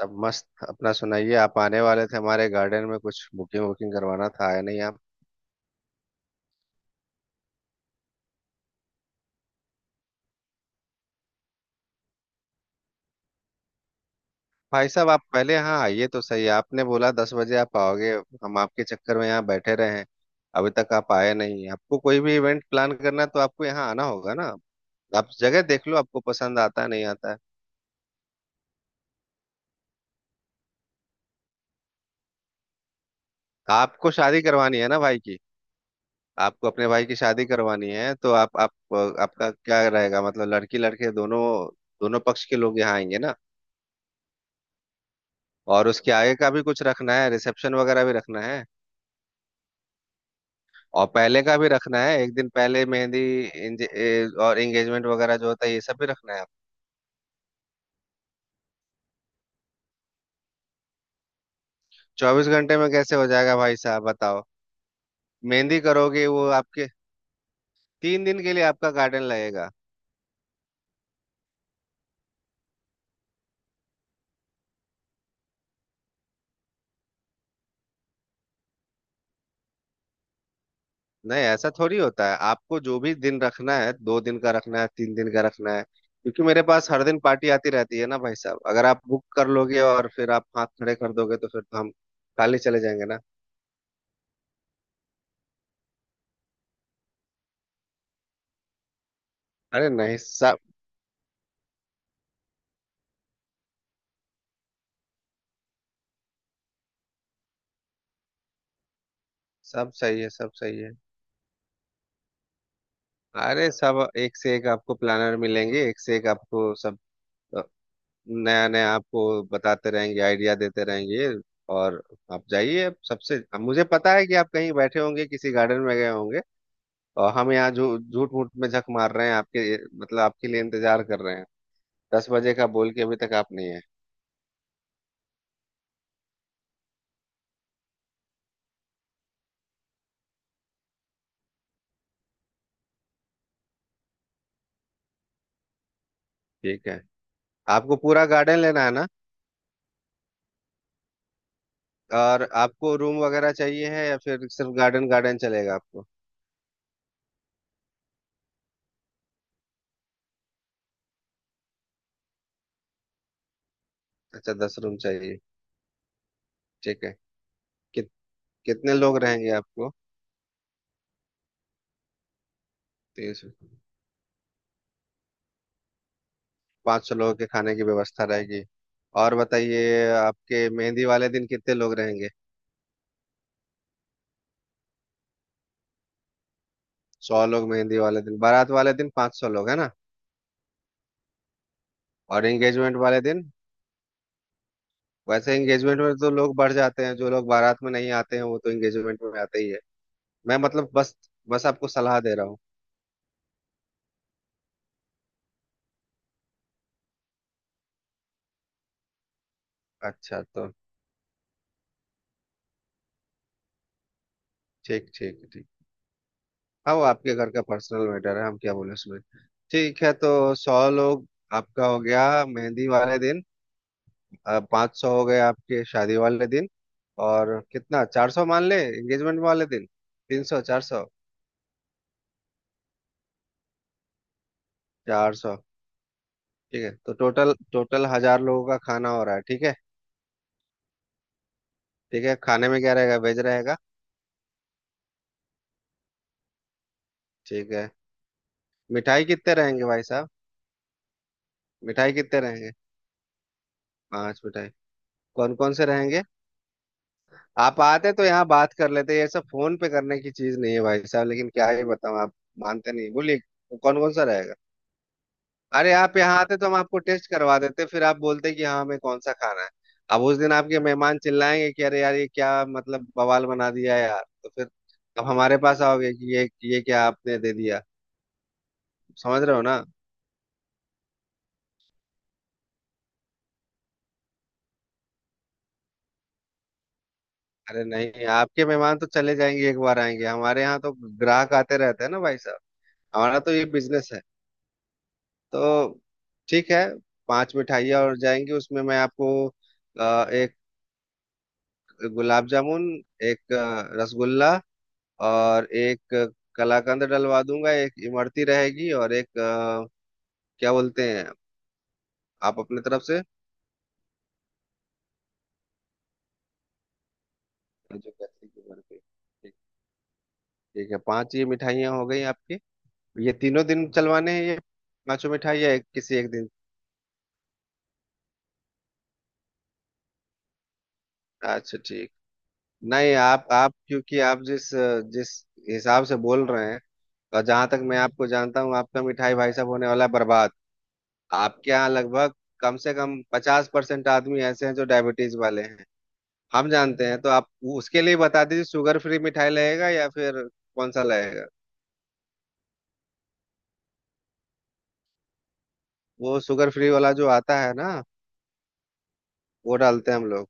सब मस्त। अपना सुनाइए। आप आने वाले थे हमारे गार्डन में, कुछ बुकिंग वुकिंग करवाना था, आया नहीं आप? भाई साहब आप पहले यहाँ आइए तो सही। आपने बोला 10 बजे आप आओगे, हम आपके चक्कर में यहाँ बैठे रहे हैं, अभी तक आप आए नहीं। आपको कोई भी इवेंट प्लान करना है तो आपको यहाँ आना होगा ना। आप जगह देख लो, आपको पसंद आता है नहीं आता है। आपको शादी करवानी है ना भाई की? आपको अपने भाई की शादी करवानी है तो आप। आपका क्या रहेगा मतलब लड़की लड़के दोनों, दोनों पक्ष के लोग यहाँ आएंगे ना? और उसके आगे का भी कुछ रखना है, रिसेप्शन वगैरह भी रखना है? और पहले का भी रखना है, एक दिन पहले मेहंदी, और एंगेजमेंट वगैरह जो होता है ये सब भी रखना है आप? 24 घंटे में कैसे हो जाएगा भाई साहब बताओ। मेहंदी करोगे वो आपके। 3 दिन के लिए आपका गार्डन लगेगा। नहीं ऐसा थोड़ी होता है, आपको जो भी दिन रखना है, 2 दिन का रखना है, 3 दिन का रखना है, क्योंकि मेरे पास हर दिन पार्टी आती रहती है ना भाई साहब। अगर आप बुक कर लोगे और फिर आप हाथ खड़े कर दोगे तो फिर तो हम खाली चले जाएंगे ना। अरे नहीं, सब सब सही है। सब सही है। अरे सब एक से एक आपको प्लानर मिलेंगे, एक से एक आपको सब, अ, नया नया आपको बताते रहेंगे, आइडिया देते रहेंगे। और आप जाइए, आप सबसे। अब मुझे पता है कि आप कहीं बैठे होंगे, किसी गार्डन में गए होंगे, और हम यहाँ जो झूठ मूठ में झक मार रहे हैं आपके, मतलब आपके लिए इंतजार कर रहे हैं। दस बजे का बोल के अभी तक आप नहीं है। ठीक है। आपको पूरा गार्डन लेना है ना? और आपको रूम वगैरह चाहिए है या फिर सिर्फ गार्डन गार्डन चलेगा आपको? अच्छा, 10 रूम चाहिए। ठीक है, कित, कितने लोग रहेंगे आप? तेज। 500 लोगों के खाने की व्यवस्था रहेगी। और बताइए आपके मेहंदी वाले दिन कितने लोग रहेंगे? 100 लोग मेहंदी वाले दिन, बारात वाले दिन 500 लोग है ना? और एंगेजमेंट वाले दिन? वैसे एंगेजमेंट में तो लोग बढ़ जाते हैं, जो लोग बारात में नहीं आते हैं वो तो एंगेजमेंट में आते ही है। मैं मतलब बस बस आपको सलाह दे रहा हूँ। अच्छा तो ठीक ठीक ठीक। हाँ वो आपके घर का पर्सनल मैटर है, हम क्या बोले उसमें। ठीक है तो 100 लोग आपका हो गया मेहंदी वाले दिन, 500 हो गए आपके शादी वाले दिन, और कितना 400 मान ले एंगेजमेंट वाले दिन। 300, 400। 400। ठीक है, तो टोटल टोटल 1,000 लोगों का खाना हो रहा है। ठीक है। ठीक है, खाने में क्या रहेगा, वेज रहेगा? ठीक है, मिठाई कितने रहेंगे भाई साहब? मिठाई कितने रहेंगे? पांच मिठाई। कौन कौन से रहेंगे? आप आते तो यहाँ बात कर लेते, ये सब फोन पे करने की चीज नहीं है भाई साहब, लेकिन क्या ही बताऊं, आप मानते नहीं बोलिए। कौन कौन सा रहेगा? अरे आप यहाँ आते तो हम आपको टेस्ट करवा देते, फिर आप बोलते कि हाँ हमें कौन सा खाना है। अब उस दिन आपके मेहमान चिल्लाएंगे कि अरे यार ये क्या मतलब बवाल बना दिया है यार, तो फिर अब हमारे पास आओगे कि ये क्या आपने दे दिया। समझ रहे हो ना? अरे नहीं, आपके मेहमान तो चले जाएंगे, एक बार आएंगे हमारे यहाँ तो। ग्राहक आते रहते हैं ना भाई साहब, हमारा तो ये बिजनेस है। तो ठीक है, पांच मिठाइयाँ और जाएंगी उसमें। मैं आपको एक गुलाब जामुन, एक रसगुल्ला, और एक कलाकंद डलवा दूंगा, एक इमरती रहेगी, और एक क्या बोलते हैं, आप अपने तरफ से, जो कहते हैं कि इमरती। ठीक। ठीक है, पांच ये मिठाइयाँ हो गई आपकी। ये तीनों दिन चलवाने हैं ये पांचों मिठाइयाँ, एक किसी एक दिन। अच्छा ठीक। नहीं, आप क्योंकि आप जिस जिस हिसाब से बोल रहे हैं, और जहां तक मैं आपको जानता हूँ, आपका मिठाई भाई साहब होने वाला है बर्बाद। आपके यहाँ लगभग कम से कम 50% आदमी ऐसे हैं जो डायबिटीज वाले हैं, हम जानते हैं। तो आप उसके लिए बता दीजिए, शुगर फ्री मिठाई लगेगा या फिर कौन सा लगेगा। वो शुगर फ्री वाला जो आता है ना, वो डालते हैं हम लोग।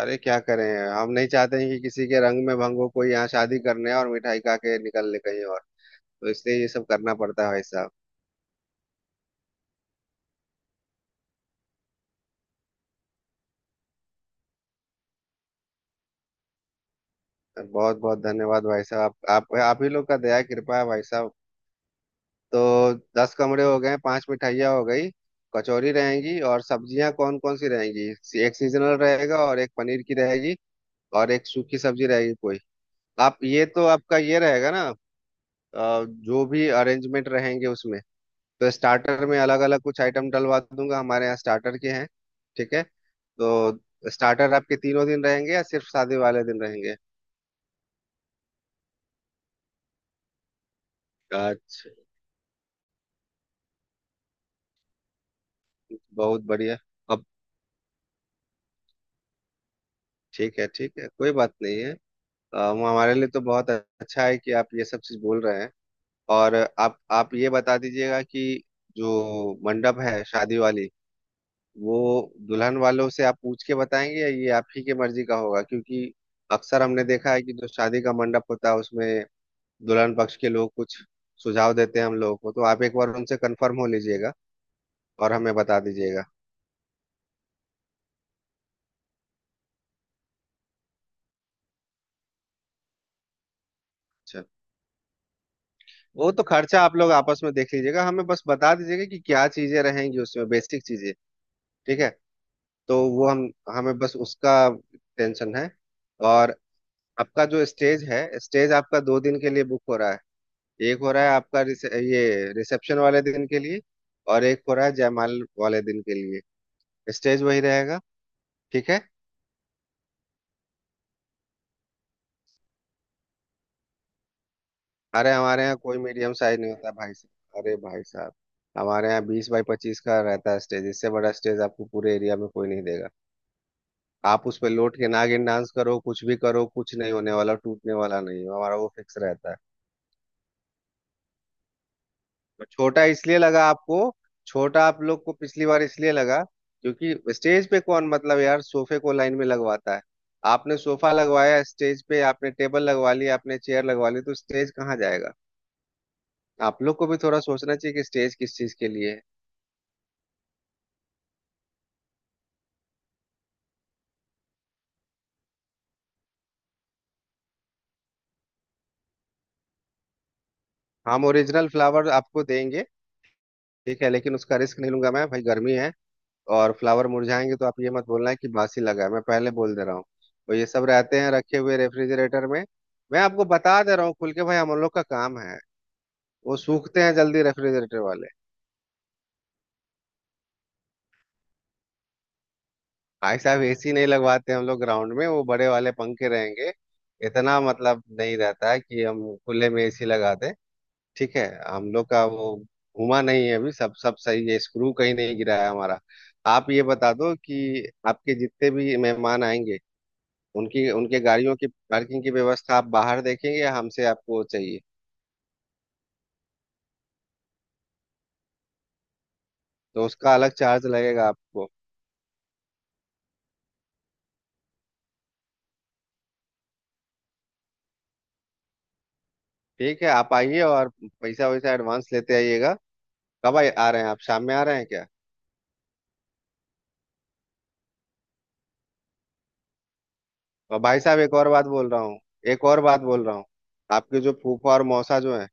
अरे क्या करें, हम नहीं चाहते हैं कि किसी के रंग में भंग हो, कोई यहाँ शादी करने और मिठाई खा के निकल ले कहीं और, तो इसलिए ये सब करना पड़ता है भाई साहब। बहुत बहुत धन्यवाद भाई साहब, आप ही लोग का दया कृपा है भाई साहब। तो 10 कमरे हो गए, पांच मिठाइयाँ हो गई। कचौरी रहेंगी और सब्जियां कौन कौन सी रहेंगी? एक सीजनल रहेगा और एक पनीर की रहेगी, और एक सूखी सब्जी रहेगी कोई। आप ये तो आपका ये रहेगा ना, जो भी अरेंजमेंट रहेंगे उसमें, तो स्टार्टर में अलग अलग कुछ आइटम डलवा दूंगा, हमारे यहाँ स्टार्टर के हैं। ठीक है, तो स्टार्टर आपके तीनों दिन रहेंगे या सिर्फ शादी वाले दिन रहेंगे? अच्छा। बहुत बढ़िया। अब ठीक है ठीक है, कोई बात नहीं है। वो हमारे लिए तो बहुत अच्छा है कि आप ये सब चीज बोल रहे हैं। और आप ये बता दीजिएगा कि जो मंडप है शादी वाली, वो दुल्हन वालों से आप पूछ के बताएंगे या ये आप ही के मर्जी का होगा, क्योंकि अक्सर हमने देखा है कि जो शादी का मंडप होता है उसमें दुल्हन पक्ष के लोग कुछ सुझाव देते हैं हम लोगों को, तो आप एक बार उनसे कंफर्म हो लीजिएगा और हमें बता दीजिएगा। अच्छा, वो तो खर्चा आप लोग आपस में देख लीजिएगा, हमें बस बता दीजिएगा कि क्या चीजें रहेंगी उसमें, बेसिक चीजें। ठीक है, तो वो हम हमें बस उसका टेंशन है। और आपका जो स्टेज है, स्टेज आपका 2 दिन के लिए बुक हो रहा है, एक हो रहा है आपका ये रिसेप्शन वाले दिन के लिए, और एक हो रहा है जयमाल वाले दिन के लिए। स्टेज वही रहेगा। ठीक है। अरे हमारे यहाँ कोई मीडियम साइज नहीं होता भाई साहब, अरे भाई साहब हमारे यहाँ 20x25 का रहता है स्टेज, इससे बड़ा स्टेज आपको पूरे एरिया में कोई नहीं देगा। आप उस पर लौट के नागिन डांस करो, कुछ भी करो, कुछ नहीं होने वाला, टूटने वाला नहीं है हमारा, वो फिक्स रहता है। छोटा इसलिए लगा आपको, छोटा आप लोग को पिछली बार इसलिए लगा क्योंकि स्टेज पे कौन मतलब यार सोफे को लाइन में लगवाता है? आपने सोफा लगवाया स्टेज पे, आपने टेबल लगवा ली, आपने चेयर लगवा ली, तो स्टेज कहाँ जाएगा? आप लोग को भी थोड़ा सोचना चाहिए कि स्टेज किस चीज के लिए है। हम ओरिजिनल फ्लावर आपको देंगे, ठीक है, लेकिन उसका रिस्क नहीं लूंगा मैं भाई, गर्मी है, और फ्लावर मुरझाएंगे तो आप ये मत बोलना है कि बासी लगा है, मैं पहले बोल दे रहा हूँ। तो ये सब रहते हैं रखे हुए रेफ्रिजरेटर में, मैं आपको बता दे रहा हूँ खुल के भाई, हम लोग का काम है। वो सूखते हैं जल्दी रेफ्रिजरेटर वाले। भाई साहब एसी नहीं लगवाते हम लोग ग्राउंड में, वो बड़े वाले पंखे रहेंगे। इतना मतलब नहीं रहता है कि हम खुले में एसी लगा दें। ठीक है, हम लोग का वो घुमा नहीं है अभी, सब सब सही है, स्क्रू कहीं नहीं गिरा है हमारा। आप ये बता दो कि आपके जितने भी मेहमान आएंगे, उनकी उनके गाड़ियों की पार्किंग की व्यवस्था आप बाहर देखेंगे या हमसे आपको चाहिए? तो उसका अलग चार्ज लगेगा आपको। ठीक है, आप आइए और पैसा वैसा एडवांस लेते आइएगा। कब आ आ रहे हैं आप, शाम में आ रहे हैं क्या? और भाई साहब एक और बात बोल रहा हूँ, आपके जो फूफा और मौसा जो हैं,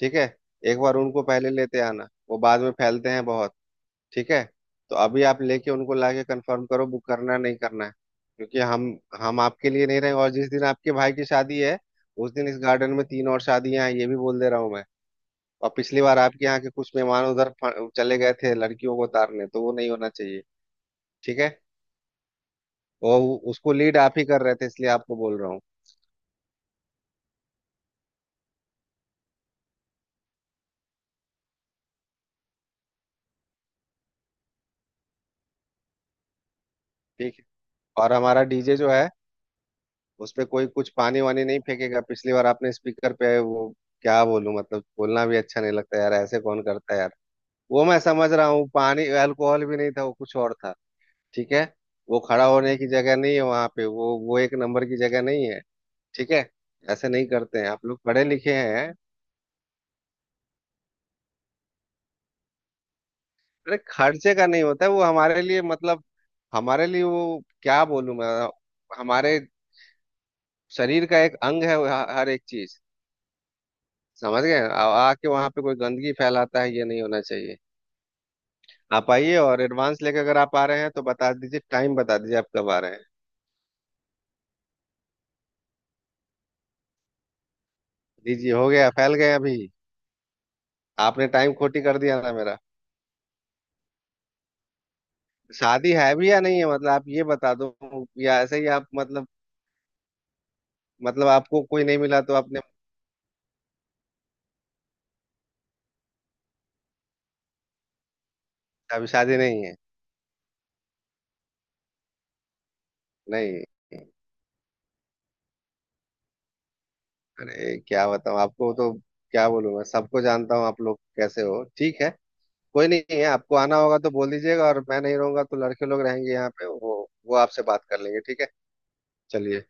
ठीक है, एक बार उनको पहले लेते आना, वो बाद में फैलते हैं बहुत। ठीक है, तो अभी आप लेके उनको लाके कंफर्म करो, बुक करना है नहीं करना है, क्योंकि हम आपके लिए नहीं रहेंगे, और जिस दिन आपके भाई की शादी है उस दिन इस गार्डन में तीन और शादियां हैं, ये भी बोल दे रहा हूँ मैं। और पिछली बार आपके यहाँ के कुछ मेहमान उधर चले गए थे लड़कियों को उतारने, तो वो नहीं होना चाहिए। ठीक है। वो उसको लीड आप ही कर रहे थे, इसलिए आपको बोल रहा हूँ। ठीक है। और हमारा डीजे जो है, उस पे कोई कुछ पानी वानी नहीं फेंकेगा, पिछली बार आपने स्पीकर पे वो। क्या बोलूं मतलब बोलना भी अच्छा नहीं लगता यार, ऐसे कौन करता है यार। वो मैं समझ रहा हूँ, पानी अल्कोहल भी नहीं था, वो कुछ और था। ठीक है, वो खड़ा होने की जगह नहीं है वहां पे, वो एक नंबर की जगह नहीं है। ठीक है, ऐसे नहीं करते हैं, आप लोग पढ़े लिखे हैं। अरे खर्चे का नहीं होता है वो हमारे लिए, मतलब हमारे लिए वो क्या बोलूं मैं, हमारे शरीर का एक अंग है हर एक चीज। समझ गए आके वहां पे कोई गंदगी फैलाता है, ये नहीं होना चाहिए। आप आइए और एडवांस लेके अगर आप आ रहे हैं तो बता दीजिए, टाइम बता दीजिए, आप कब आ रहे हैं? जी जी, हो गया फैल गए अभी, आपने टाइम खोटी कर दिया ना मेरा। शादी है भी या नहीं है, मतलब आप ये बता दो, या ऐसे ही आप मतलब, मतलब आपको कोई नहीं मिला तो आपने। अभी शादी नहीं है। नहीं, अरे क्या बताऊं आपको तो, क्या बोलूं मैं, सबको जानता हूँ आप लोग कैसे हो। ठीक है, कोई नहीं है, आपको आना होगा तो बोल दीजिएगा, और मैं नहीं रहूंगा तो लड़के लोग रहेंगे यहाँ पे, वो आपसे बात कर लेंगे ठीक है। चलिए।